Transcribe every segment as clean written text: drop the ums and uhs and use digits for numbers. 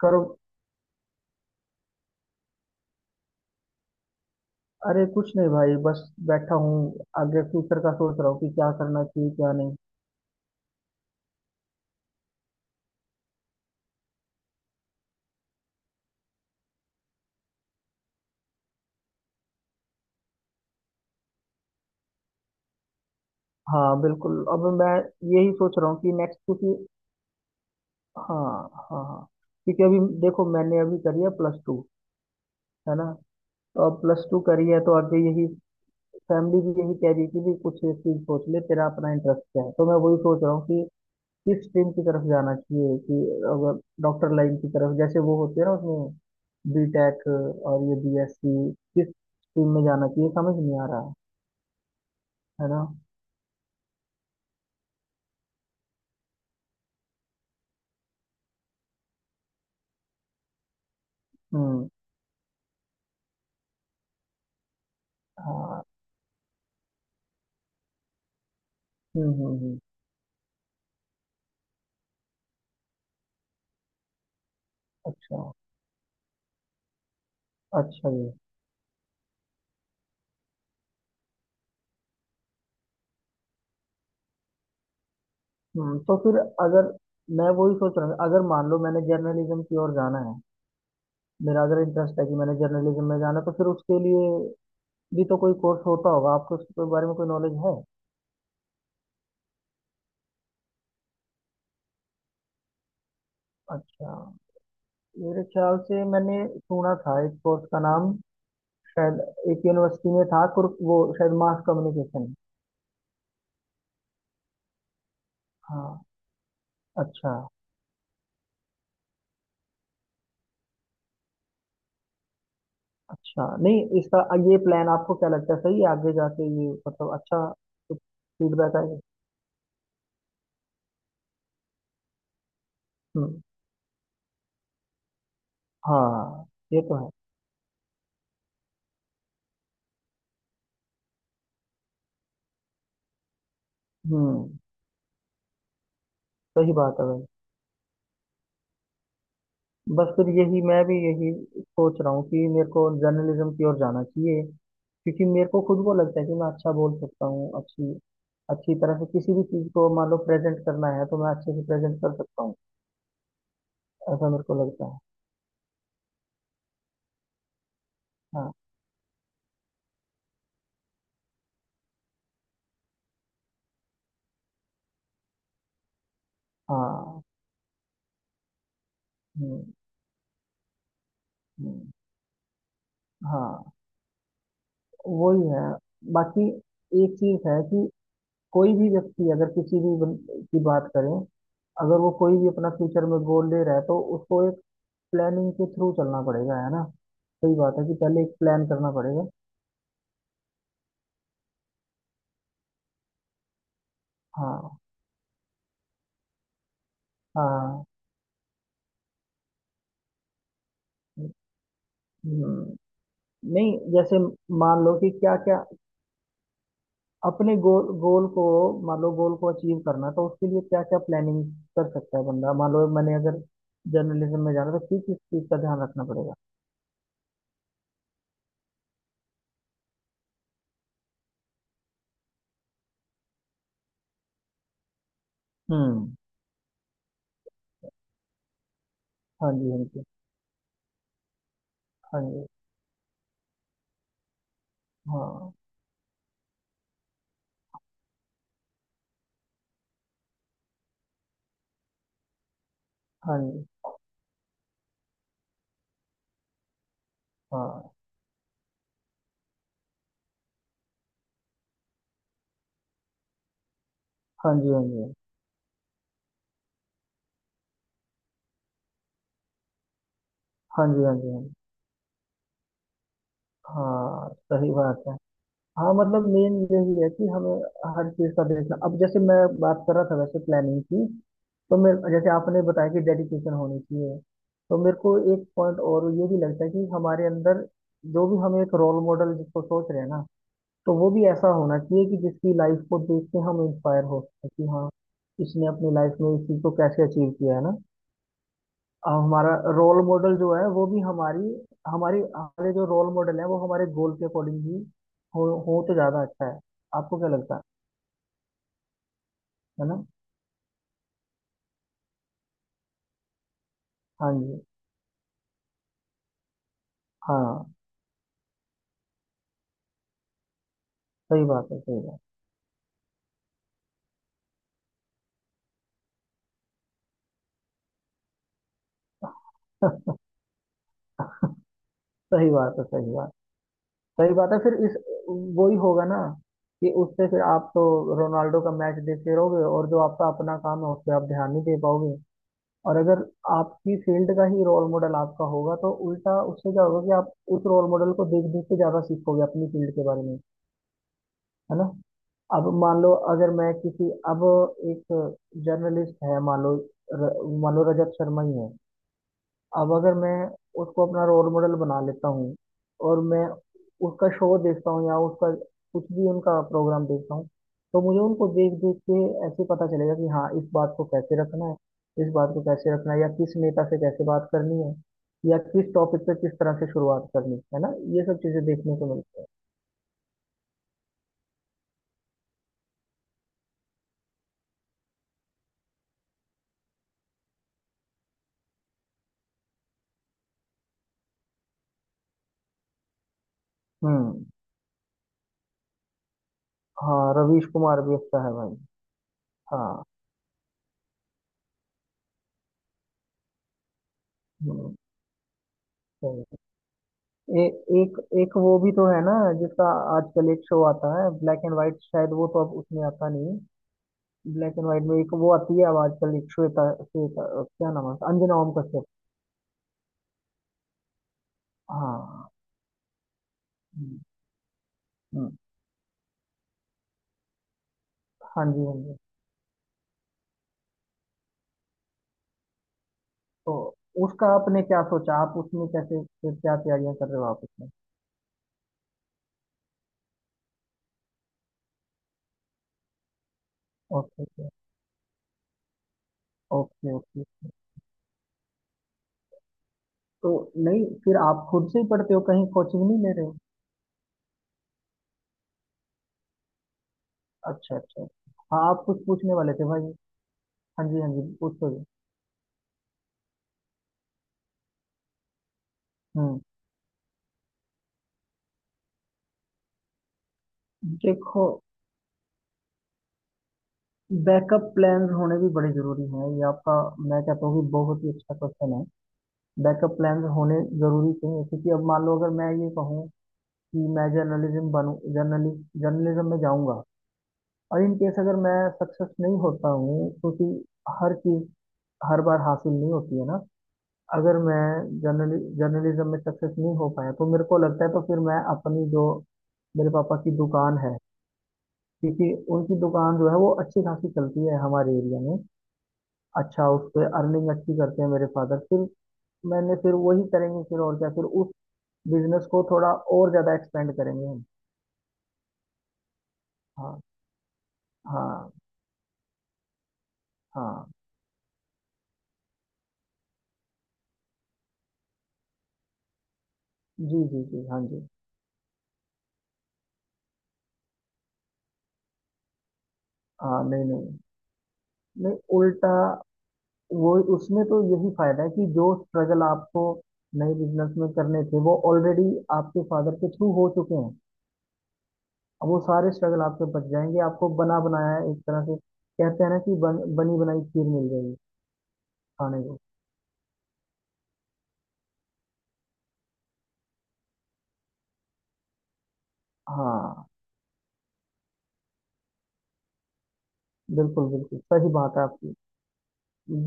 करो। अरे कुछ नहीं भाई, बस बैठा हूँ आगे फ्यूचर का सोच रहा हूँ कि क्या करना चाहिए क्या नहीं। हाँ बिल्कुल। अब मैं यही सोच रहा हूँ कि नेक्स्ट, क्योंकि हाँ। हाँ हाँ। क्योंकि अभी देखो मैंने अभी करी है प्लस टू, है ना। तो अब प्लस टू करी है तो आगे यही फैमिली भी यही कह रही थी भी कुछ एक चीज सोच ले तेरा अपना इंटरेस्ट क्या है, तो मैं वही सोच रहा हूँ कि किस स्ट्रीम की तरफ जाना चाहिए कि अगर डॉक्टर लाइन की तरफ जैसे वो होती है ना उसमें बी टेक और ये बी एस सी, किस स्ट्रीम में जाना चाहिए समझ नहीं आ रहा। है ना। हम्म। हाँ। हम्म हम्म हम्म, अच्छा। अच्छा जी। हम्म, तो फिर अगर मैं वही सोच रहा हूँ, अगर मान लो मैंने जर्नलिज्म की ओर जाना है। मेरा अगर इंटरेस्ट है कि मैंने जर्नलिज्म में जाना है, तो फिर उसके लिए भी तो कोई कोर्स होता होगा। आपको उसके बारे में कोई नॉलेज है? अच्छा। मेरे ख्याल से मैंने सुना था इस कोर्स का नाम शायद, एक यूनिवर्सिटी में था कुर वो शायद मास कम्युनिकेशन। हाँ। अच्छा। अच्छा, नहीं इसका ये प्लान आपको क्या लगता है सही है आगे जाके? ये मतलब अच्छा फीडबैक आएगा? हम्म। हाँ, ये तो है। हम्म, सही बात है भाई। बस फिर यही मैं भी यही सोच रहा हूँ कि मेरे को जर्नलिज्म की ओर जाना चाहिए, क्योंकि मेरे को खुद को लगता है कि मैं अच्छा बोल सकता हूँ, अच्छी अच्छी तरह से किसी भी चीज़ को मान लो प्रेजेंट करना है तो मैं अच्छे से प्रेजेंट कर सकता हूँ। ऐसा मेरे को लगता है। हाँ। हाँ। हम्म, हम्म, हाँ वही है। बाकी एक चीज है कि कोई भी व्यक्ति अगर किसी भी की बात करें, अगर वो कोई भी अपना फ्यूचर में गोल ले रहा है तो उसको एक प्लानिंग के थ्रू चलना पड़ेगा, है ना। सही बात है कि पहले एक प्लान करना पड़ेगा। हाँ। हाँ। हम्म, नहीं जैसे मान लो कि क्या क्या अपने गोल गोल को, मान लो गोल को अचीव करना, तो उसके लिए क्या क्या प्लानिंग कर सकता है बंदा। मान लो मैंने अगर जर्नलिज्म में जाना तो किस किस चीज का ध्यान रखना पड़ेगा। हम्म। हाँ जी। हाँ जी। हाँ जी। हाँ। हाँ जी। हाँ। हाँ जी। हाँ जी। हाँ जी। हाँ जी। हाँ जी। हाँ, सही बात है। हाँ मतलब मेन यही है कि हमें हर चीज़ का देखना। अब जैसे मैं बात कर रहा था वैसे प्लानिंग की, तो मेरे जैसे आपने बताया कि डेडिकेशन होनी चाहिए, तो मेरे को एक पॉइंट और ये भी लगता है कि हमारे अंदर जो भी हम एक रोल मॉडल जिसको सोच रहे हैं ना, तो वो भी ऐसा होना चाहिए कि जिसकी लाइफ को देख के हम इंस्पायर हो सके कि हाँ इसने अपनी लाइफ में इस चीज़ को कैसे अचीव किया है ना। अब हमारा रोल मॉडल जो है वो भी हमारी हमारी हमारे जो रोल मॉडल है वो हमारे गोल के अकॉर्डिंग ही हो तो ज्यादा अच्छा है। आपको क्या लगता है ना। हाँ जी। हाँ, सही बात है, सही बात। सही बात है, सही बात। सही बात है फिर इस वो ही होगा ना कि उससे फिर आप तो रोनाल्डो का मैच देखते रहोगे और जो आपका अपना काम है उस पर आप ध्यान नहीं दे पाओगे। और अगर आपकी फील्ड का ही रोल मॉडल आपका होगा तो उल्टा उससे क्या होगा कि आप उस रोल मॉडल को देख देख के ज्यादा सीखोगे अपनी फील्ड के बारे में। है ना। अब मान लो अगर मैं किसी अब एक जर्नलिस्ट है मान लो र, मान लो रजत शर्मा ही है। अब अगर मैं उसको अपना रोल मॉडल बना लेता हूँ और मैं उसका शो देखता हूँ या उसका कुछ भी उनका प्रोग्राम देखता हूँ, तो मुझे उनको देख देख के ऐसे पता चलेगा कि हाँ इस बात को कैसे रखना है। इस बात को कैसे रखना है या किस नेता से कैसे बात करनी है या किस टॉपिक पे किस तरह से शुरुआत करनी है ना, ये सब चीजें देखने को मिलती है। हम्म। हाँ रवीश कुमार भी अच्छा है भाई। हाँ। हम्म, सही। ए, एक एक वो भी तो है ना, जिसका आजकल एक शो आता है ब्लैक एंड वाइट। शायद वो तो अब उसमें आता नहीं। ब्लैक एंड वाइट में एक वो आती है अब आजकल, एक श्वेता, श्वेता क्या नाम है उसका? अंजना ओम कश्यप। हाँ। हम्म, हम्म, हाँ जी। हाँ जी। तो उसका आपने क्या सोचा? आप उसमें कैसे फिर क्या तैयारियां कर रहे हो आप उसमें? Okay okay. Okay okay. तो नहीं फिर आप खुद से ही पढ़ते हो, कहीं कोचिंग नहीं ले रहे हो? अच्छा अच्छा। हाँ आप कुछ पूछने वाले थे भाई। हाँ जी हाँ जी, पूछो जी। हम्म। देखो, बैकअप प्लान्स होने भी बड़े ज़रूरी हैं ये आपका, मैं कहता हूँ कि बहुत ही अच्छा क्वेश्चन है। बैकअप प्लान्स होने ज़रूरी चाहिए, क्योंकि अब मान लो अगर मैं ये कहूँ कि मैं जर्नलिज्म बनूँ जर्नलिस्ट जर्नलिज्म में जाऊँगा, और इन केस अगर मैं सक्सेस नहीं होता हूँ, क्योंकि हर चीज़ हर बार हासिल नहीं होती है ना। अगर मैं जर्नलिज्म में सक्सेस नहीं हो पाया तो मेरे को लगता है तो फिर मैं अपनी जो, मेरे पापा की दुकान है, क्योंकि उनकी दुकान जो है वो अच्छी खासी चलती है हमारे एरिया में। अच्छा। उस पे अर्निंग अच्छी करते हैं मेरे फादर, फिर मैंने फिर वही करेंगे फिर, और क्या, फिर उस बिजनेस को थोड़ा और ज़्यादा एक्सपेंड करेंगे हम। हाँ। हाँ। हाँ। जी जी जी। हाँ जी। हाँ, नहीं नहीं। नहीं उल्टा, वो उसमें तो यही फायदा है कि जो स्ट्रगल आपको नए बिजनेस में करने थे वो ऑलरेडी आपके फादर के थ्रू हो चुके हैं। अब वो सारे स्ट्रगल आपके बच जाएंगे, आपको बना बनाया, एक तरह से कहते हैं ना कि बनी बनाई खीर मिल जाएगी खाने को। हाँ बिल्कुल बिल्कुल, सही बात है आपकी।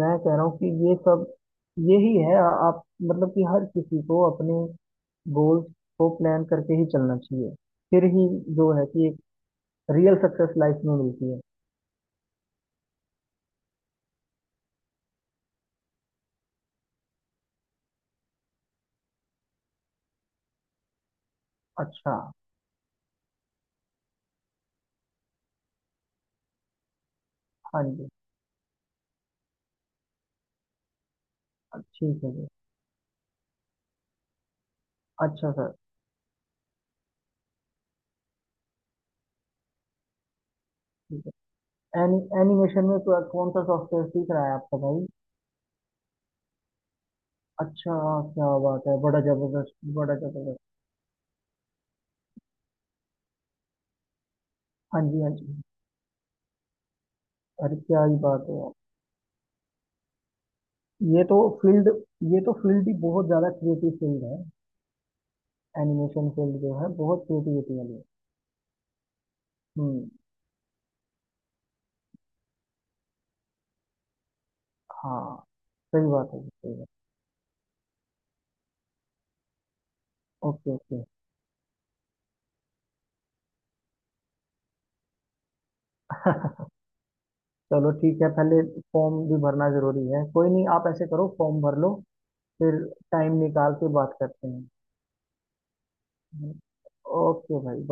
मैं कह रहा हूँ कि ये सब यही है आप मतलब कि हर किसी को अपने गोल्स को प्लान करके ही चलना चाहिए, फिर ही जो है कि एक रियल सक्सेस लाइफ में मिलती है। अच्छा। हाँ जी। ठीक है जी। अच्छा सर। ठीक है। एनि, एनिमेशन में तो कौन सा सॉफ्टवेयर सीख रहा है आपका भाई? अच्छा। क्या बात है, बड़ा जबरदस्त। बड़ा जबरदस्त। हाँ जी हाँ जी। अरे क्या ही बात है यार। ये तो फील्ड ये तो फील्ड ही बहुत ज़्यादा क्रिएटिव फील्ड है। एनिमेशन फील्ड जो है बहुत क्रिएटिविटी वाली है। हम्म। हाँ, सही बात है, सही बात। Okay okay. चलो ठीक है, पहले फॉर्म भी भरना जरूरी है, कोई नहीं आप ऐसे करो फॉर्म भर लो, फिर टाइम निकाल के बात करते हैं। ओके भाई, बाय।